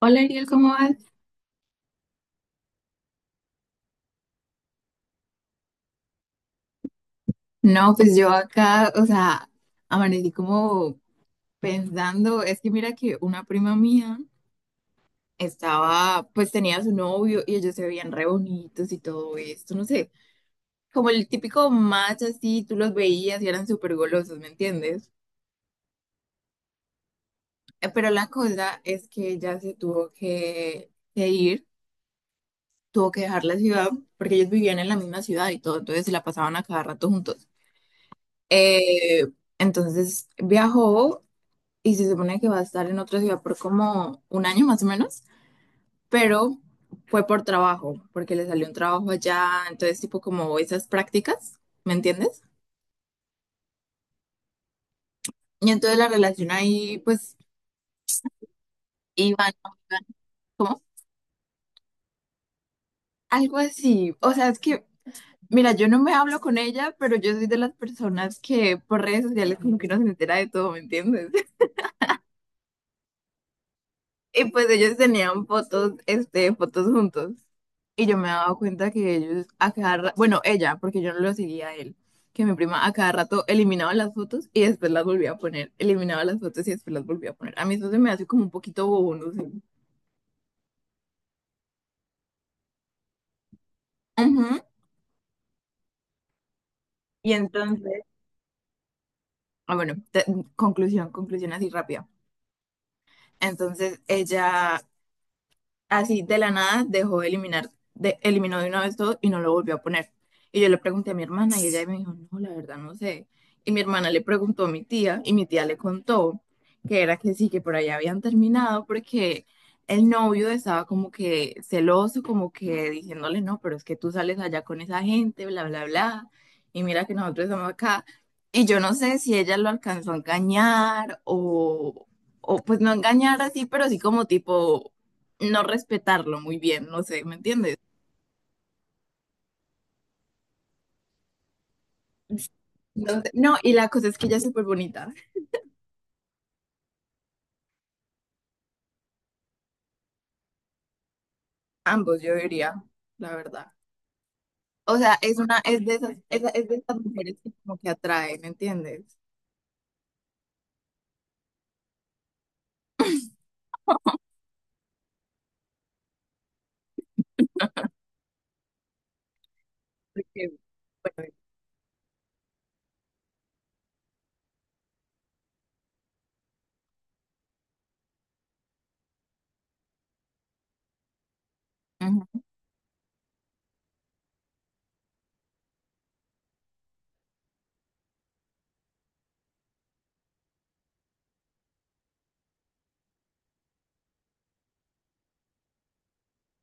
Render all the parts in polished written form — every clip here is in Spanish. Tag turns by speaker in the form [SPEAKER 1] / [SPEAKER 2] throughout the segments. [SPEAKER 1] Hola Ariel, ¿cómo vas? No, pues yo acá, o sea, amanecí como pensando, es que mira que una prima mía estaba, pues tenía a su novio y ellos se veían re bonitos y todo esto, no sé, como el típico match así, tú los veías y eran súper golosos, ¿me entiendes? Pero la cosa es que ella se tuvo que ir, tuvo que dejar la ciudad, porque ellos vivían en la misma ciudad y todo, entonces se la pasaban a cada rato juntos. Eh, entonces viajó y se supone que va a estar en otra ciudad por como un año más o menos, pero fue por trabajo, porque le salió un trabajo allá, entonces tipo como esas prácticas, ¿me entiendes? Y entonces la relación ahí pues iba, ¿no? Iba, ¿cómo? Algo así, o sea, es que, mira, yo no me hablo con ella, pero yo soy de las personas que por redes sociales como que no se entera de todo, ¿me entiendes? Y pues ellos tenían fotos, este, fotos juntos. Y yo me daba cuenta que ellos a cada rato, bueno, ella, porque yo no lo seguía a él, que mi prima a cada rato eliminaba las fotos y después las volvía a poner, eliminaba las fotos y después las volvía a poner. A mí eso se me hace como un poquito bobo, no sé. Ujú. Y entonces, ah, bueno, conclusión, conclusión así rápida. Entonces ella así de la nada dejó de eliminar, de, eliminó de una vez todo y no lo volvió a poner. Y yo le pregunté a mi hermana y ella me dijo, no, la verdad no sé. Y mi hermana le preguntó a mi tía y mi tía le contó que era que sí, que por allá habían terminado porque el novio estaba como que celoso, como que diciéndole, no, pero es que tú sales allá con esa gente, bla, bla, bla. Y mira que nosotros estamos acá. Y yo no sé si ella lo alcanzó a engañar o pues no engañar así, pero sí como tipo no respetarlo muy bien, no sé, ¿me entiendes? Entonces, no, y la cosa es que ella es súper bonita, ambos yo diría, la verdad. O sea, es una, es de esas mujeres que como que atraen, ¿me entiendes? Porque, bueno, ujú.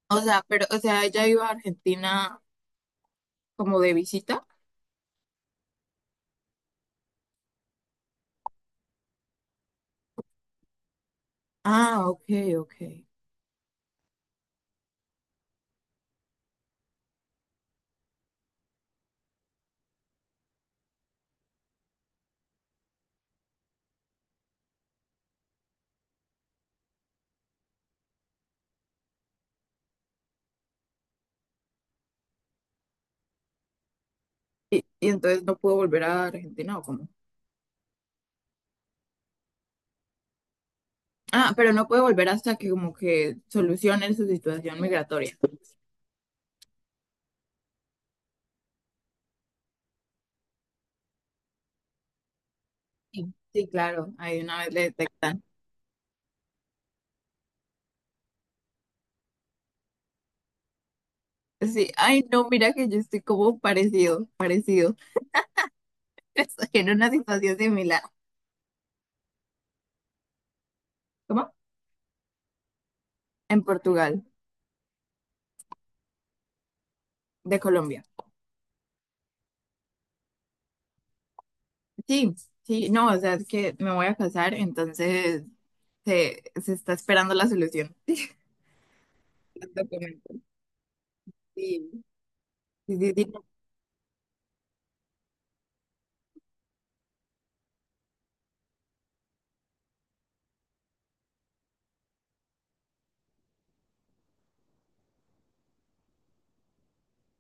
[SPEAKER 1] O sea, pero, o sea, ella iba a Argentina como de visita. Ah, ok, ok. Y entonces no pudo volver a Argentina o cómo. Ah, pero no puede volver hasta que como que solucionen su situación migratoria. Sí, sí, claro, ahí una vez le detectan. Sí, ay, no, mira que yo estoy como parecido, parecido. Estoy en una situación similar. ¿Cómo? En Portugal, de Colombia. Sí, sí, no, o sea, es que me voy a casar, entonces se está esperando la solución. Los documentos. Sí, sí, sí, sí. No.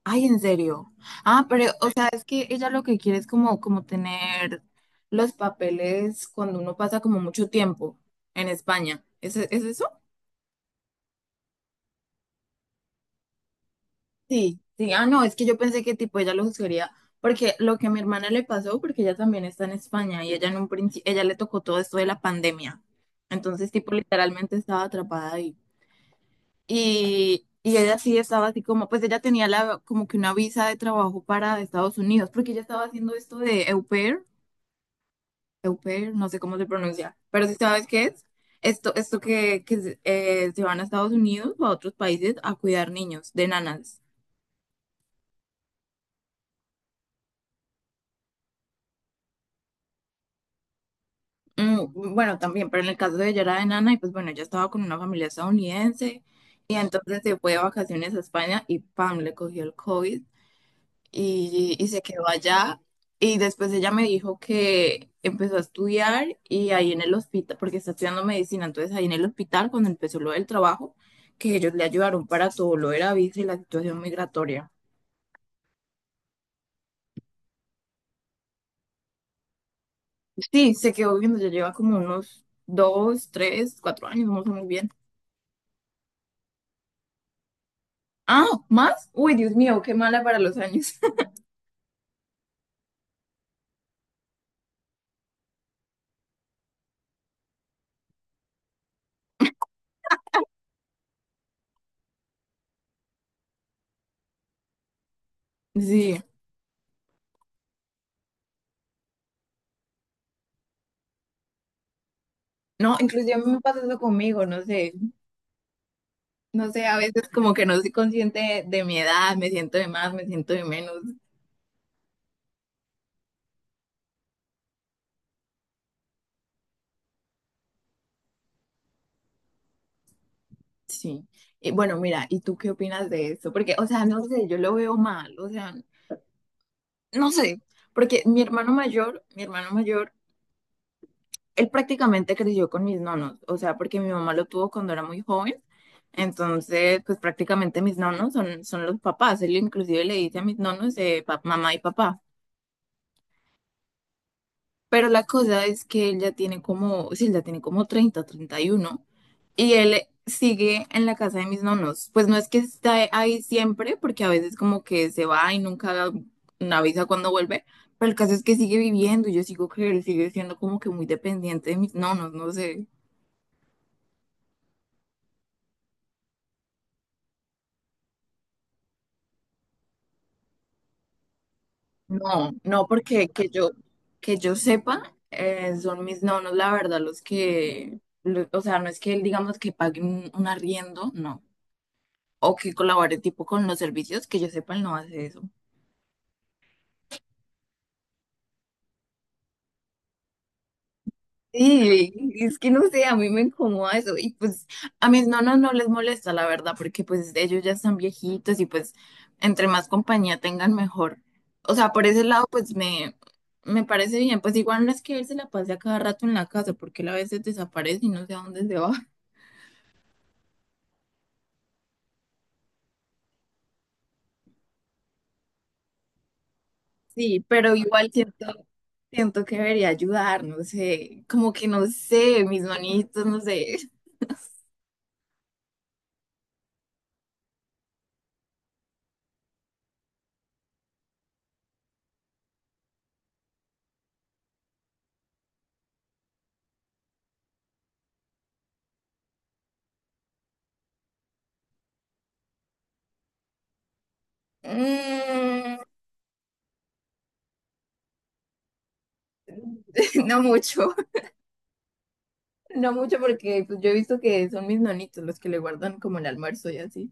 [SPEAKER 1] Ay, en serio. Ah, pero, o sea, es que ella lo que quiere es como, como tener los papeles cuando uno pasa como mucho tiempo en España. Es eso? Sí, sí, ah, no, es que yo pensé que tipo ella lo juzgaría, porque lo que a mi hermana le pasó, porque ella también está en España y ella en un principio, ella le tocó todo esto de la pandemia, entonces tipo literalmente estaba atrapada ahí. Y ella sí estaba así como, pues ella tenía la, como que una visa de trabajo para Estados Unidos, porque ella estaba haciendo esto de au pair, no sé cómo se pronuncia, pero si sabes qué es, esto que se se van a Estados Unidos o a otros países a cuidar niños de nanas. Mm, mm, bueno, también, pero en el caso de ella era enana y pues bueno, ella estaba con una familia estadounidense y entonces se fue de vacaciones a España y pam, le cogió el COVID y se quedó allá. Y después ella me dijo que empezó a estudiar y ahí en el hospital, porque está estudiando medicina, entonces ahí en el hospital cuando empezó lo del trabajo, que ellos le ayudaron para todo lo de la visa y la situación migratoria. Sí, se quedó viviendo, ya lleva como unos dos, tres, cuatro años, no sé muy bien. Ah, ¿más? Uy, Dios mío, qué mala para los años. Sí. No, inclusive a mí me pasa eso conmigo, no sé. No sé, a veces como que no soy consciente de mi edad, me siento de más, me siento de menos. Sí. Y bueno, mira, ¿y tú qué opinas de eso? Porque, o sea, no sé, yo lo veo mal, o sea, no sé, porque mi hermano mayor él prácticamente creció con mis nonos, o sea, porque mi mamá lo tuvo cuando era muy joven, entonces, pues prácticamente mis nonos son, son los papás, él inclusive le dice a mis nonos mamá y papá, pero la cosa es que él ya tiene como, sí, él ya tiene como 30, 31, y uno, y él sigue en la casa de mis nonos, pues no es que está ahí siempre, porque a veces como que se va y nunca avisa cuando vuelve, pero el caso es que sigue viviendo y yo sigo que él sigue siendo como que muy dependiente de mis nonos, no sé. No, no, porque que yo sepa, son mis nonos, la verdad, los que, lo- o sea, no es que él, digamos, que pague un arriendo, no, o que colabore tipo con los servicios, que yo sepa, él no hace eso. Sí, es que no sé, a mí me incomoda eso y pues a mis nonos no les molesta la verdad porque pues ellos ya están viejitos y pues entre más compañía tengan mejor. O sea, por ese lado pues me parece bien, pues igual no es que él se la pase a cada rato en la casa porque él a veces desaparece y no sé a dónde se va. Sí, pero igual siento, siento que debería ayudar, no sé, como que no sé, mis manitos, no sé, mm, no mucho. No mucho porque pues, yo he visto que son mis nonitos los que le guardan como el almuerzo y así.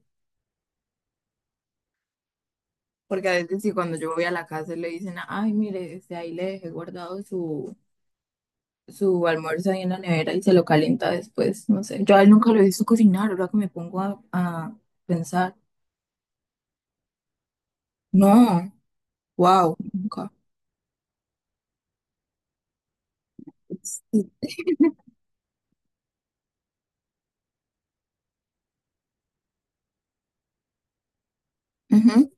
[SPEAKER 1] Porque a veces si cuando yo voy a la casa le dicen, ay, mire, este, ahí le dejé guardado su, su almuerzo ahí en la nevera y se lo calienta después. No sé, yo a él nunca lo he visto cocinar, ahora que me pongo a pensar. No, wow, nunca. Sí. Ujú.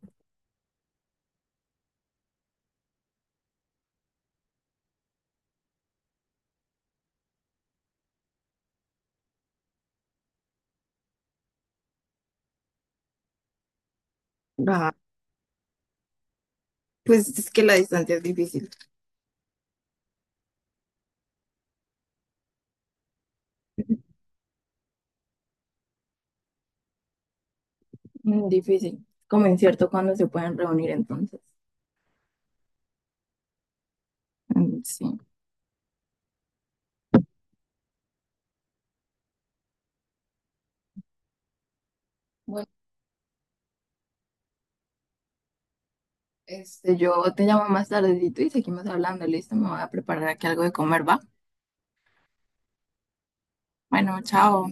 [SPEAKER 1] Ah, pues es que la distancia es difícil. Mm, difícil. Como incierto cuando se pueden reunir entonces. Mm, sí. Este, yo te llamo más tardecito y seguimos hablando, listo, me voy a preparar aquí algo de comer, ¿va? Bueno, chao.